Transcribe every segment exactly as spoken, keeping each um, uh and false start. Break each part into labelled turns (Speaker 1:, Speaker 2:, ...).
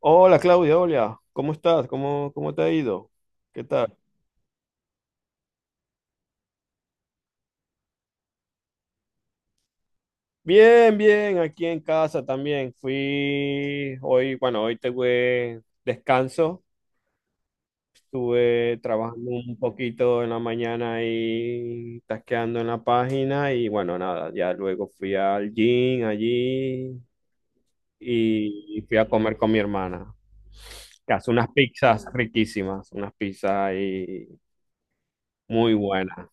Speaker 1: Hola Claudia, hola, ¿cómo estás? ¿Cómo, cómo te ha ido? ¿Qué tal? Bien, bien, aquí en casa también. Fui hoy, bueno, hoy tuve descanso. Estuve trabajando un poquito en la mañana y tasqueando en la página y bueno, nada, ya luego fui al gym allí y fui a comer con mi hermana. Que hace unas pizzas riquísimas, unas pizzas ahí muy buenas.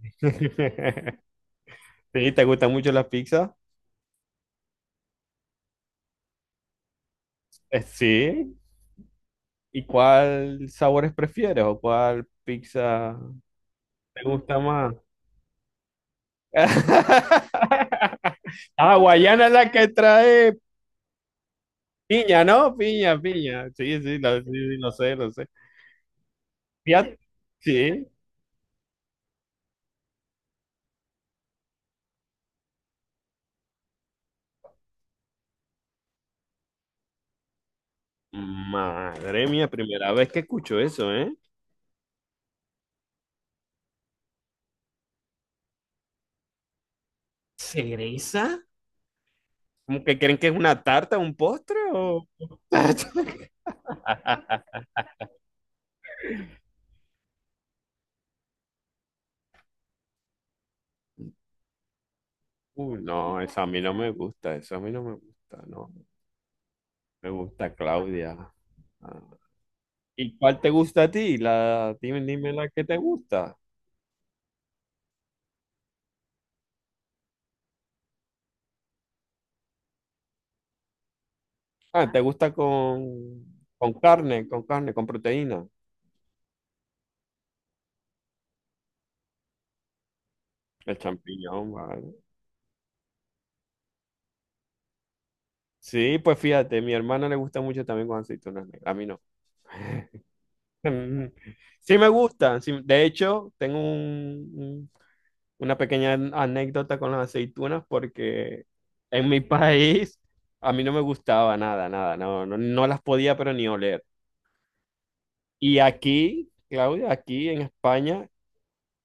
Speaker 1: Sí, ¿te gusta mucho la pizza? Eh, sí. ¿Y cuál sabores prefieres o cuál pizza te gusta más? Ah, Guayana es la que trae piña, ¿no? Piña, piña. Sí, sí, lo, sí, sí, lo sé, lo sé. Fíjate, sí. Madre mía, primera vez que escucho eso, ¿eh? ¿Cereza? ¿Cómo que creen que es una tarta, un postre o...? Uy, no, eso a mí no me gusta, eso a mí no me gusta, no. Me gusta Claudia. Ah, ¿y cuál te gusta a ti? La, dime, dime la que te gusta. Ah, ¿te gusta con, con carne, con carne, con proteína? El champiñón, vale. Sí, pues fíjate, mi hermana le gusta mucho también con aceitunas negras. A mí no. Sí me gustan. sí- de hecho, tengo un- un- una pequeña anécdota con las aceitunas porque en mi país a mí no me gustaba nada, nada. No, no, no las podía, pero ni oler. Y aquí, Claudia, aquí en España,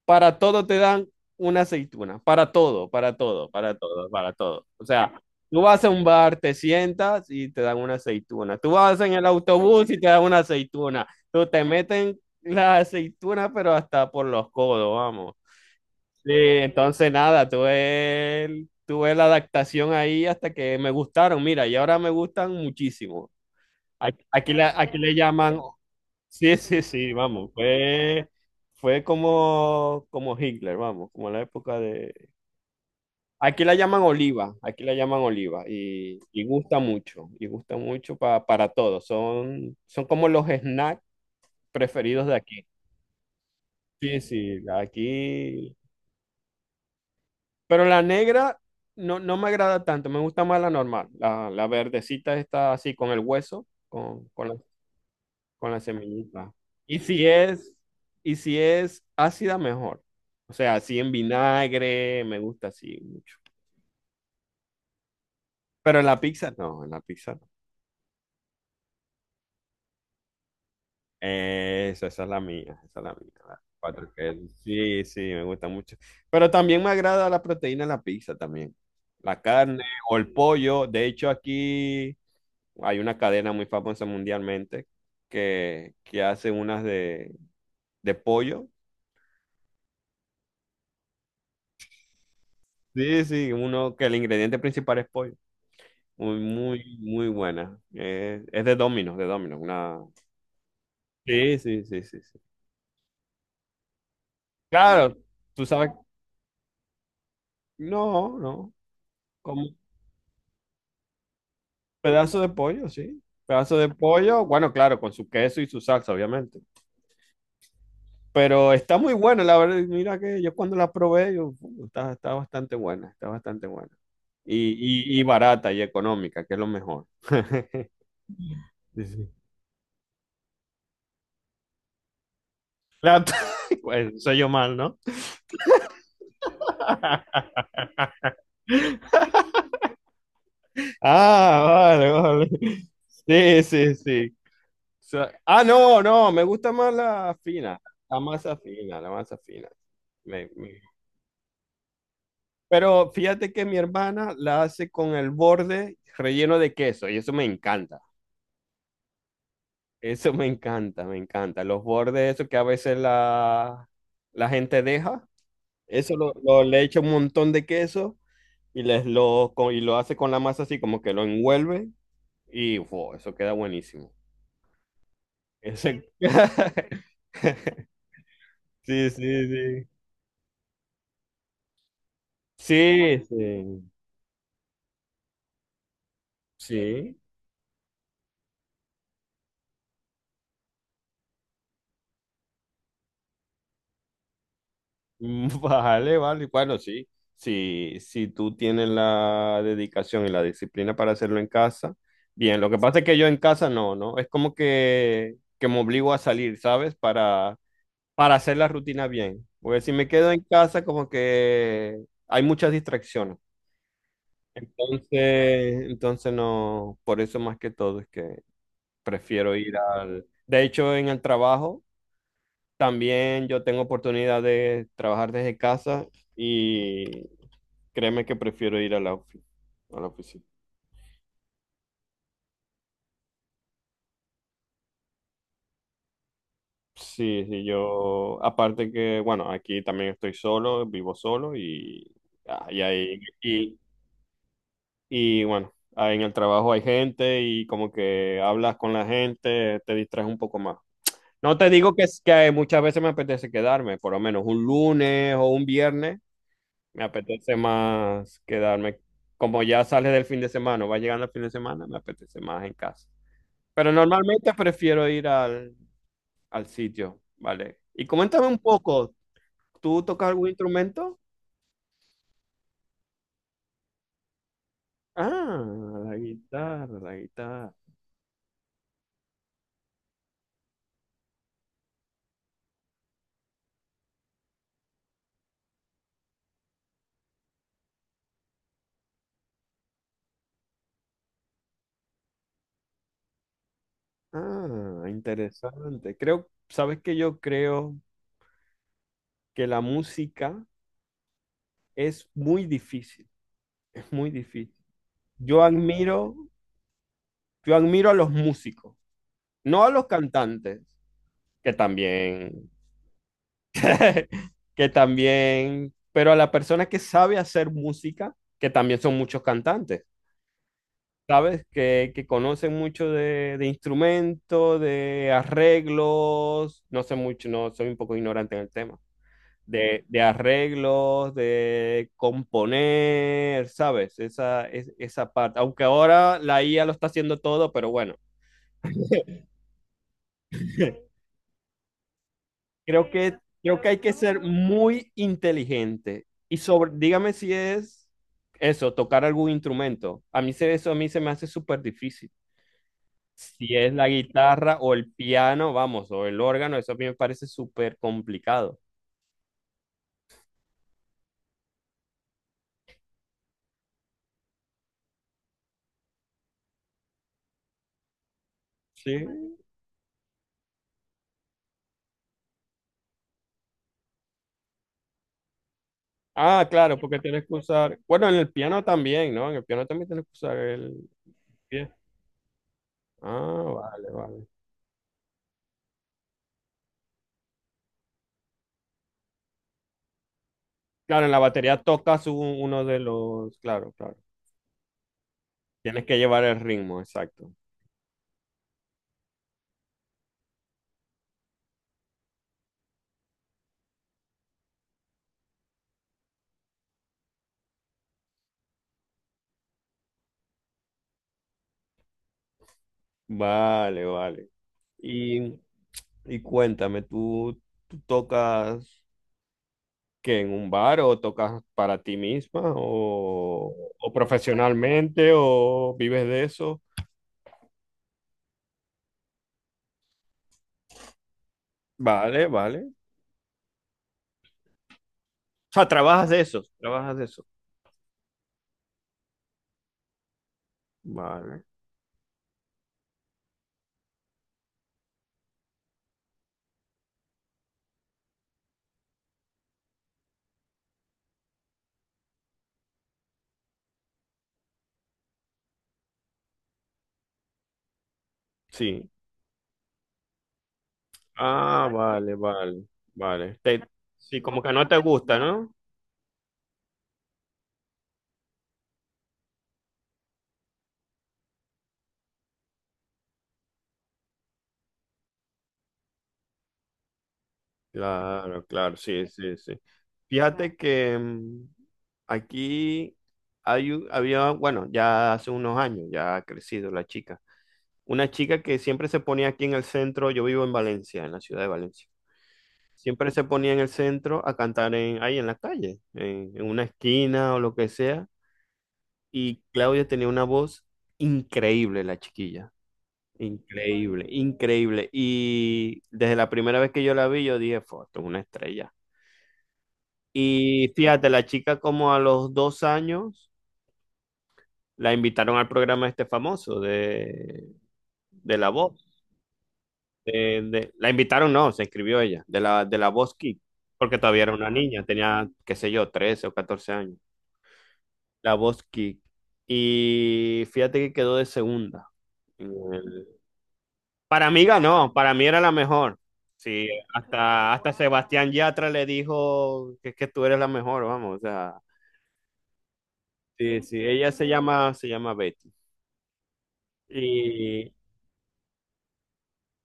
Speaker 1: para todo te dan una aceituna, para todo, para todo, para todo, para todo. O sea, tú vas a un bar, te sientas y te dan una aceituna. Tú vas en el autobús y te dan una aceituna. Tú te meten la aceituna, pero hasta por los codos, vamos. Sí, entonces nada, tuve, el- tuve la adaptación ahí hasta que me gustaron. Mira, y ahora me gustan muchísimo. Aquí, aquí le, aquí le llaman. Sí, sí, sí, vamos, fue, fue como, como Hitler, vamos, como la época de... Aquí la llaman oliva, aquí la llaman oliva y, y gusta mucho, y gusta mucho pa- para todos, son, son como los snacks preferidos de aquí. Sí, sí, aquí... Pero la negra no, no me agrada tanto, me gusta más la normal, la, la verdecita está así con el hueso, con, con la con la semillita. Y si es, y si es ácida, mejor. O sea, así en vinagre, me gusta así mucho. Pero en la pizza no, en la pizza no. Esa, esa es la mía, esa es la mía, la cuatro quesos. Sí, sí, me gusta mucho. Pero también me agrada la proteína en la pizza también. La carne o el pollo. De hecho, aquí hay una cadena muy famosa mundialmente que, que hace unas de, de pollo. Sí, sí, uno que el ingrediente principal es pollo. Muy, muy, muy buena. Eh, es de Domino's, de Domino's. Una... Sí, sí, sí, sí, sí. Claro, tú sabes. No, no. Como un pedazo de pollo, sí. Pedazo de pollo, bueno, claro, con su queso y su salsa, obviamente. Pero está muy buena, la verdad. Mira que yo cuando la probé, yo, "Uh, está, está bastante buena, está bastante buena". Y, y, y barata y económica, que es lo mejor. Sí, sí. La- Bueno, soy yo mal, ¿no? Ah, vale, vale. Sí, sí, sí. sea, ah, no, no, me gusta más la fina, la masa fina, la masa fina. Me- me- Pero fíjate que mi hermana la hace con el borde relleno de queso y eso me encanta. Eso me encanta, me encanta. Los bordes, eso que a veces la, la gente deja, eso lo, lo- le echa un montón de queso y, les lo, co- y lo hace con la masa así, como que lo envuelve y ¡fua! Eso queda buenísimo. Ese- Sí, sí, sí. Sí, sí, sí. Mm, vale, vale. Bueno, sí. Si si tú tienes la dedicación y la disciplina para hacerlo en casa, bien. Lo que pasa es que yo en casa no, ¿no? Es como que, que me obligo a salir, ¿sabes? Para, para hacer la rutina bien. Porque si me quedo en casa, como que hay muchas distracciones. Entonces, entonces no, por eso más que todo es que prefiero ir al... De hecho, en el trabajo. También yo tengo oportunidad de trabajar desde casa y créeme que prefiero ir a la ofi- a la oficina. Sí, sí, yo, aparte que, bueno, aquí también estoy solo, vivo solo y, ah, y, ahí- y, y, bueno, ahí en el trabajo hay gente y como que hablas con la gente, te distraes un poco más. No te digo que, es- que muchas veces me apetece quedarme, por lo menos un lunes o un viernes. Me apetece más quedarme. Como ya sale del fin de semana, o va llegando el fin de semana, me apetece más en casa. Pero normalmente prefiero ir al, al sitio, ¿vale? Y coméntame un poco, ¿tú tocas algún instrumento? Ah, la guitarra, la guitarra. Ah, interesante. Creo, ¿sabes que Yo creo que la música es muy difícil, es muy difícil. Yo admiro, yo admiro a los músicos, no a los cantantes, que también que también, pero a la persona que sabe hacer música, que también son muchos cantantes, ¿sabes? Que, que conocen mucho de, de, instrumentos, de arreglos, no sé mucho, no, soy un poco ignorante en el tema, de, de arreglos, de componer, ¿sabes? Esa, es- esa parte, aunque ahora la I A lo está haciendo todo, pero bueno. Creo que, creo que hay que ser muy inteligente. Y sobre, dígame si es eso, tocar algún instrumento. A mí se, eso a mí se me hace súper difícil. Si es la guitarra o el piano, vamos, o el órgano, eso a mí me parece súper complicado. Sí. Ah, claro, porque tienes que usar. Bueno, en el piano también, ¿no? En el piano también tienes que usar el pie. Ah, vale, vale. Claro, en la batería tocas un- uno de los. Claro, claro. Tienes que llevar el ritmo, exacto. Vale, vale. Y, y cuéntame, ¿tú, tú tocas que en un bar o tocas para ti misma o, o profesionalmente o vives de eso? Vale, vale. O sea, trabajas de eso, trabajas de eso. Vale, sí. Ah, vale, vale, vale. Te- sí, como que no te gusta, ¿no? Claro, claro, sí, sí, sí. Fíjate que mm, aquí hay, un- había, bueno, ya hace unos años, ya ha crecido la chica. Una chica que siempre se ponía aquí en el centro, yo vivo en Valencia, en la ciudad de Valencia. Siempre se ponía en el centro a cantar en, ahí en la calle, en, en una esquina o lo que sea. Y Claudia tenía una voz increíble, la chiquilla. Increíble, increíble. Y desde la primera vez que yo la vi, yo dije, "Fua, esto es una estrella". Y fíjate, la chica como a los dos años la invitaron al programa este famoso de, de, La Voz. De- de- la invitaron, no, se inscribió ella, de la, de la Voz Kick, porque todavía era una niña, tenía, qué sé yo, trece o catorce años, la Voz Kick. Y fíjate que quedó de segunda en el- Para mí ganó, para mí era la mejor. Sí, hasta, hasta Sebastián Yatra le dijo que es que tú eres la mejor, vamos, o sea, sí, sí, ella se llama, se llama Betty. Y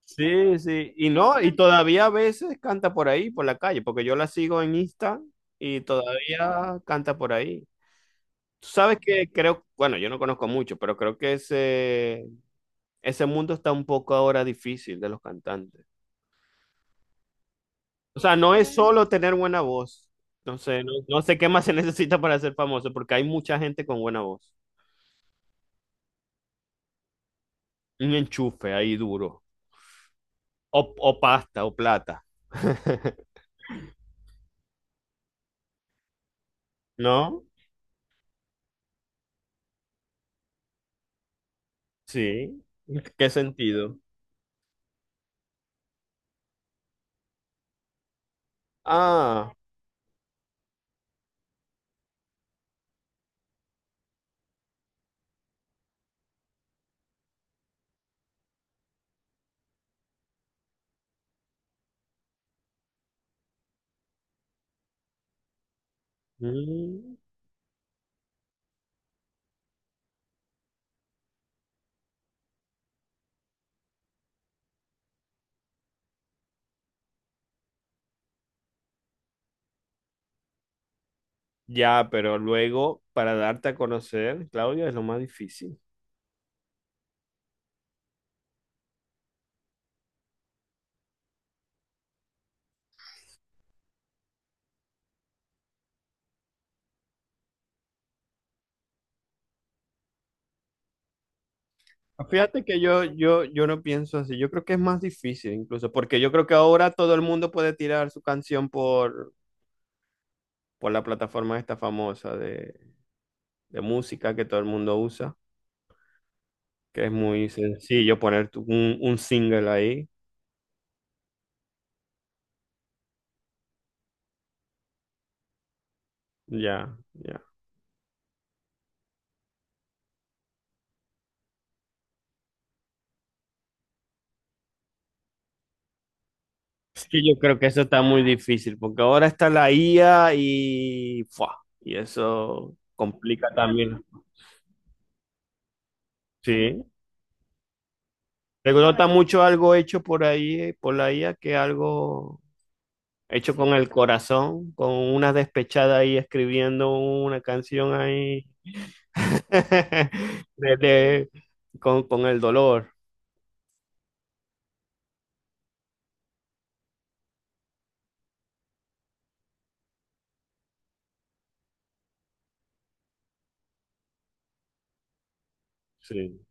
Speaker 1: sí, sí. Y no, y todavía a veces canta por ahí, por la calle, porque yo la sigo en Insta y todavía canta por ahí. Tú sabes que creo, bueno, yo no conozco mucho, pero creo que ese, ese, mundo está un poco ahora difícil de los cantantes. O sea, no es solo tener buena voz. Entonces, no, no sé qué más se necesita para ser famoso, porque hay mucha gente con buena voz. Un enchufe ahí duro. O, o pasta, o plata. ¿No? Sí. ¿Qué sentido? Ah. Mm, ya, pero luego para darte a conocer, Claudia, es lo más difícil. Fíjate que yo, yo, yo no pienso así. Yo creo que es más difícil incluso, porque yo creo que ahora todo el mundo puede tirar su canción por, por, la plataforma esta famosa de, de música que todo el mundo usa, que es muy sencillo poner tu- un, un single ahí. Ya, ya. Es que yo creo que eso está muy difícil, porque ahora está la I A y, ¡fua! Y eso complica también. Sí, Le gusta mucho algo hecho por ahí, por la I A, que algo hecho con el corazón, con una despechada ahí escribiendo una canción ahí de- de- con, con el dolor. Sí.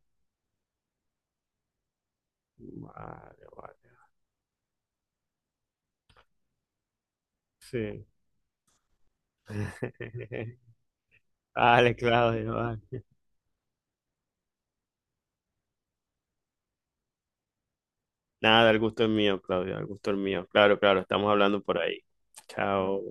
Speaker 1: Vale, vale. Sí. Vale, Claudio, vale. Nada, el gusto es mío, Claudio, el gusto es mío. Claro, claro, estamos hablando por ahí. Chao.